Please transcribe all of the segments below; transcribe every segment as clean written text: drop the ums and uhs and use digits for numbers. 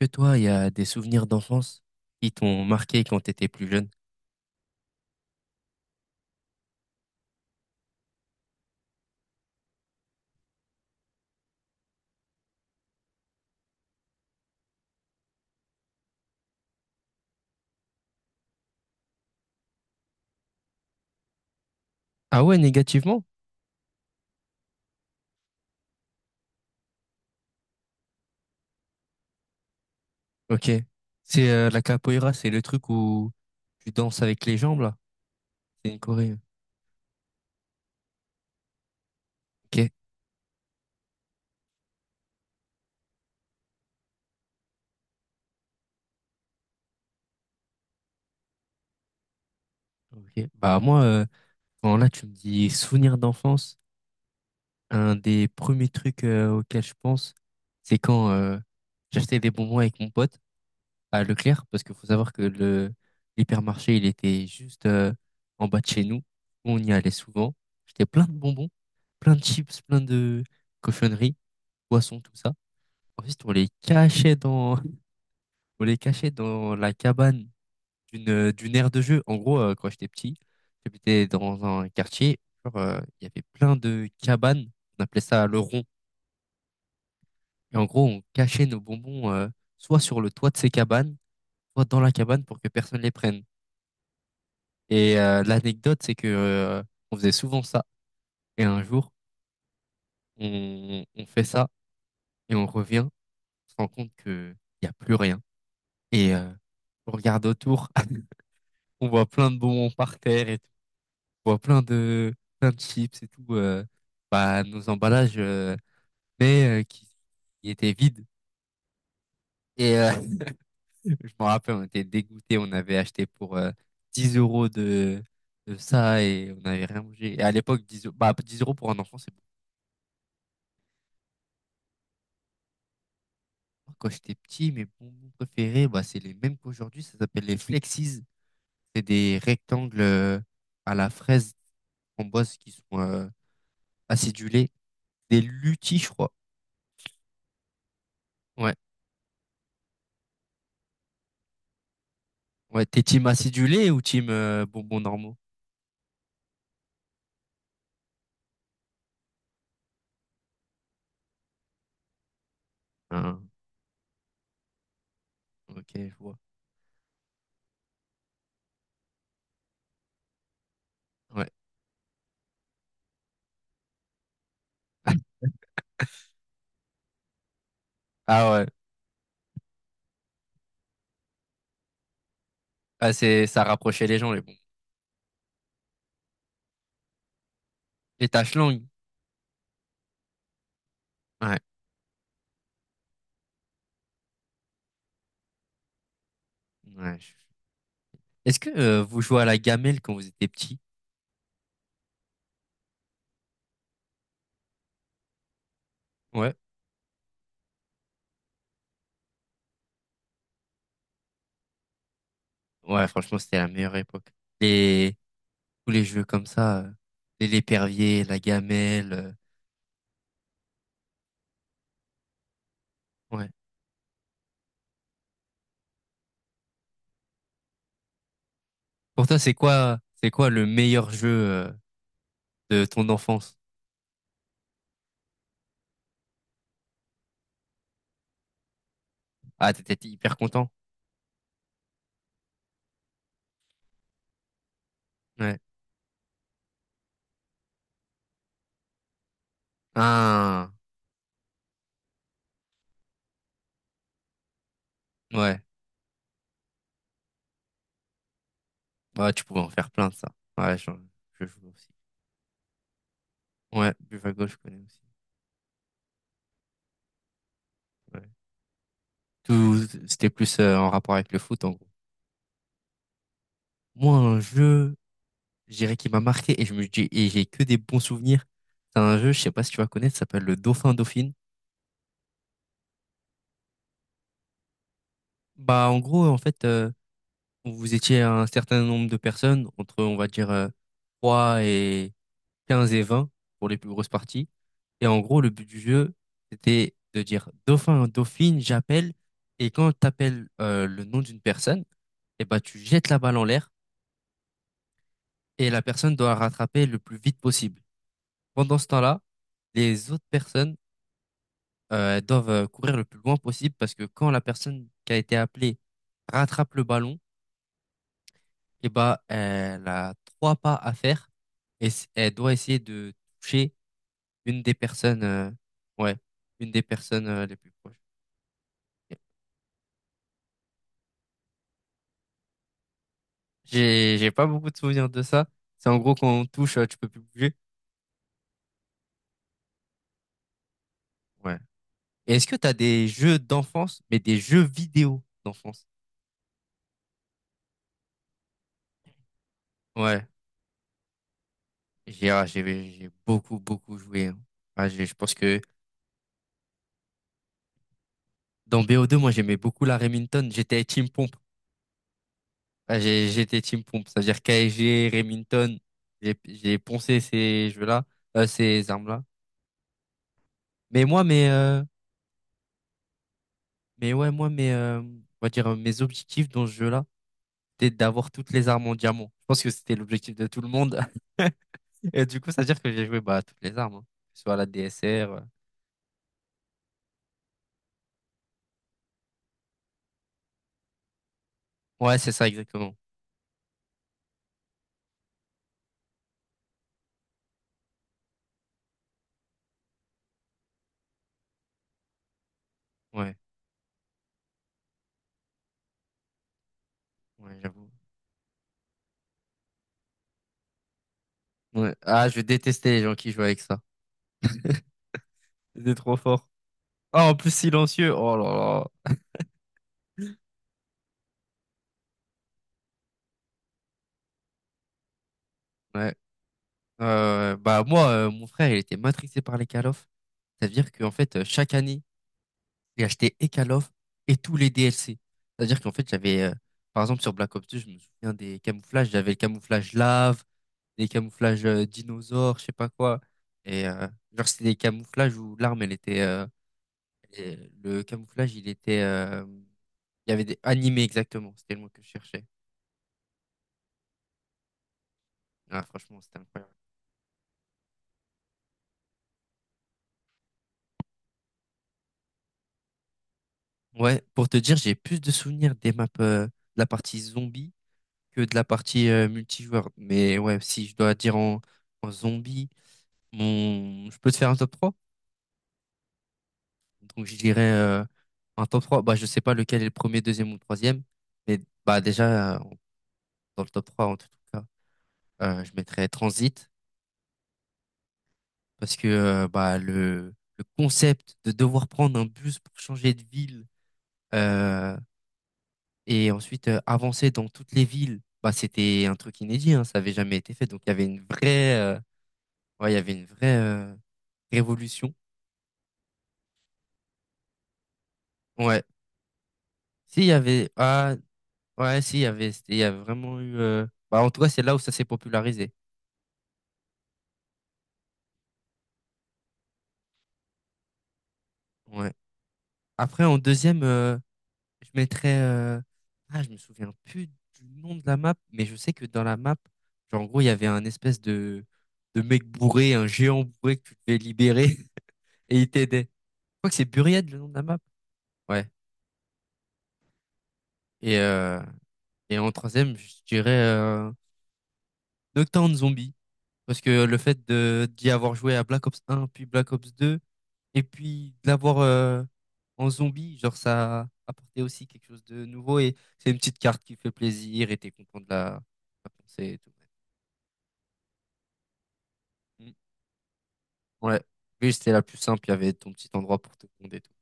Que toi, il y a des souvenirs d'enfance qui t'ont marqué quand t'étais plus jeune? Ah ouais, négativement? Ok. C'est la capoeira, c'est le truc où tu danses avec les jambes, là. C'est une corée. Ok. Ok. Bah moi, quand là, tu me dis souvenirs d'enfance, un des premiers trucs auxquels je pense, c'est quand j'achetais des bonbons avec mon pote à Leclerc, parce qu'il faut savoir que le l'hypermarché, il était juste en bas de chez nous. On y allait souvent. J'étais plein de bonbons, plein de chips, plein de cochonneries, poissons, tout ça. Ensuite, on les cachait dans, on les cachait dans la cabane d'une aire de jeu. En gros, quand j'étais petit, j'habitais dans un quartier. Il y avait plein de cabanes. On appelait ça le rond. Et en gros, on cachait nos bonbons soit sur le toit de ces cabanes, soit dans la cabane pour que personne les prenne. L'anecdote, c'est que on faisait souvent ça. Et un jour, on fait ça et on revient, on se rend compte que il y a plus rien. Et euh, on regarde autour, on voit plein de bonbons par terre et tout. On voit plein de chips et tout. Bah nos emballages, mais euh, qui, qui étaient vides. Et euh, je me rappelle, on était dégoûtés. On avait acheté pour 10 € de ça et on n'avait rien mangé. Et à l'époque, 10 € pour un enfant, c'est... Moi, quand j'étais petit, mes bonbons préférés, bah, c'est les mêmes qu'aujourd'hui. Ça s'appelle les Flexies. C'est des rectangles à la fraise framboise qui sont acidulés. Des Lutis, je crois. Ouais. Ouais, t'es team acidulé ou team bonbons normaux? Ah, ok, je vois. Ouais. Ah ouais. Ah, ça rapprochait les gens, les bonbons. Les taches langues. Ouais. Ouais. Est-ce que vous jouez à la gamelle quand vous étiez petit? Ouais. Ouais, franchement, c'était la meilleure époque. Les Tous les jeux comme ça, et l'épervier, la gamelle. Ouais. Pour toi, c'est quoi le meilleur jeu de ton enfance? Ah, t'étais hyper content? Ouais. Ah, ouais. Ouais, tu pouvais en faire plein de ça. Ouais, j'en- je joue aussi. Ouais, Buff à gauche je connais aussi. Ouais. Tout, c'était plus en rapport avec le foot, en gros. Moi, un jeu, je dirais qui m'a marqué et j'ai que des bons souvenirs. C'est un jeu, je sais pas si tu vas connaître, ça s'appelle le Dauphin Dauphine. Bah, en gros, en fait, vous étiez un certain nombre de personnes, entre, on va dire, 3 et 15 et 20 pour les plus grosses parties. Et en gros, le but du jeu, c'était de dire dauphin, dauphine, j'appelle. Et quand tu appelles le nom d'une personne, eh ben, tu jettes la balle en l'air et la personne doit rattraper le plus vite possible. Pendant ce temps-là, les autres personnes elles doivent courir le plus loin possible parce que quand la personne qui a été appelée rattrape le ballon, eh bah, elle a trois pas à faire et elle doit essayer de toucher une des personnes, ouais, une des personnes les plus proches. J'ai pas beaucoup de souvenirs de ça. C'est en gros quand on touche, tu peux plus bouger. Ouais. Et est-ce que t'as des jeux d'enfance, mais des jeux vidéo d'enfance? Ouais. J'ai, ah, j'ai, j'ai beaucoup, beaucoup joué, hein. Je pense que dans BO2, moi j'aimais beaucoup la Remington. J'étais Team Pompe. J'étais team pompe, c'est-à-dire KSG, Remington, j'ai poncé ces jeux-là, ces armes-là. Mais moi, mais ouais, moi, mais, on va dire, mes objectifs dans ce jeu-là, c'était d'avoir toutes les armes en diamant. Je pense que c'était l'objectif de tout le monde. Et du coup, ça veut dire que j'ai joué bah, à toutes les armes, hein. Que ce soit la DSR. Ouais, c'est ça, exactement. Ouais, ouais, j'avoue. Ouais. Ah, je détestais les gens qui jouaient avec ça. C'était trop fort. Ah, en plus, silencieux. Oh là là. Ouais. Bah moi, mon frère, il était matrixé par les call of. C'est-à-dire qu'en fait, chaque année, j'ai acheté et Call of et tous les DLC. C'est-à-dire qu'en fait, par exemple, sur Black Ops 2, je me souviens des camouflages. J'avais le camouflage lave, des camouflages dinosaures, je sais pas quoi. Et euh, genre, c'était des camouflages où l'arme, elle était... et le camouflage, il était... il y avait des animés, exactement. C'était le mot que je cherchais. Ah, franchement, c'était incroyable. Ouais, pour te dire, j'ai plus de souvenirs des maps, de la partie zombie que de la partie multijoueur. Mais ouais, si je dois dire en, en zombie, mon... je peux te faire un top 3. Donc je dirais un top 3. Bah, je sais pas lequel est le premier, deuxième ou troisième. Mais bah, déjà, dans le top 3 en tout cas, je mettrais Transit. Parce que bah, le concept de devoir prendre un bus pour changer de ville euh, et ensuite avancer dans toutes les villes, bah, c'était un truc inédit, hein, ça avait jamais été fait. Donc il y avait une vraie révolution. Ouais. S'il y avait, ah, ouais, si, il y avait, c'était- Il y a vraiment eu, en tout cas, c'est là où ça s'est popularisé. Ouais. Après, en deuxième, je mettrais, je me souviens plus du nom de la map, mais je sais que dans la map, genre, en gros, il y avait un espèce de mec bourré, un géant bourré que tu devais libérer et il t'aidait. Je crois que c'est Buried, le nom de la map. Ouais. Et, euh, et en troisième, je dirais, Nocturne Zombie. Parce que le fait de, d'y avoir joué à Black Ops un puis Black Ops 2 et puis de l'avoir en zombie, genre ça apportait aussi quelque chose de nouveau et c'est une petite carte qui fait plaisir et t'es content de de la penser et tout. Mm. Ouais, oui, c'était la plus simple, il y avait ton petit endroit pour te pondre et tout.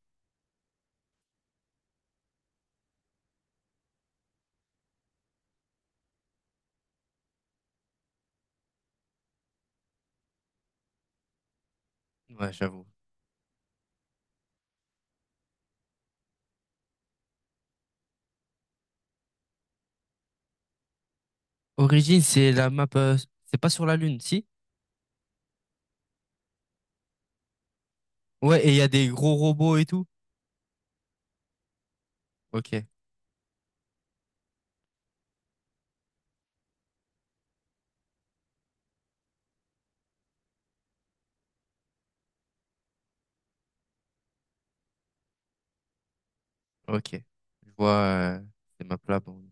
Ouais, j'avoue. Origin, c'est la map, c'est pas sur la Lune, si? Ouais, et il y a des gros robots et tout. Ok, ok. Je vois ces maps-là. Bon.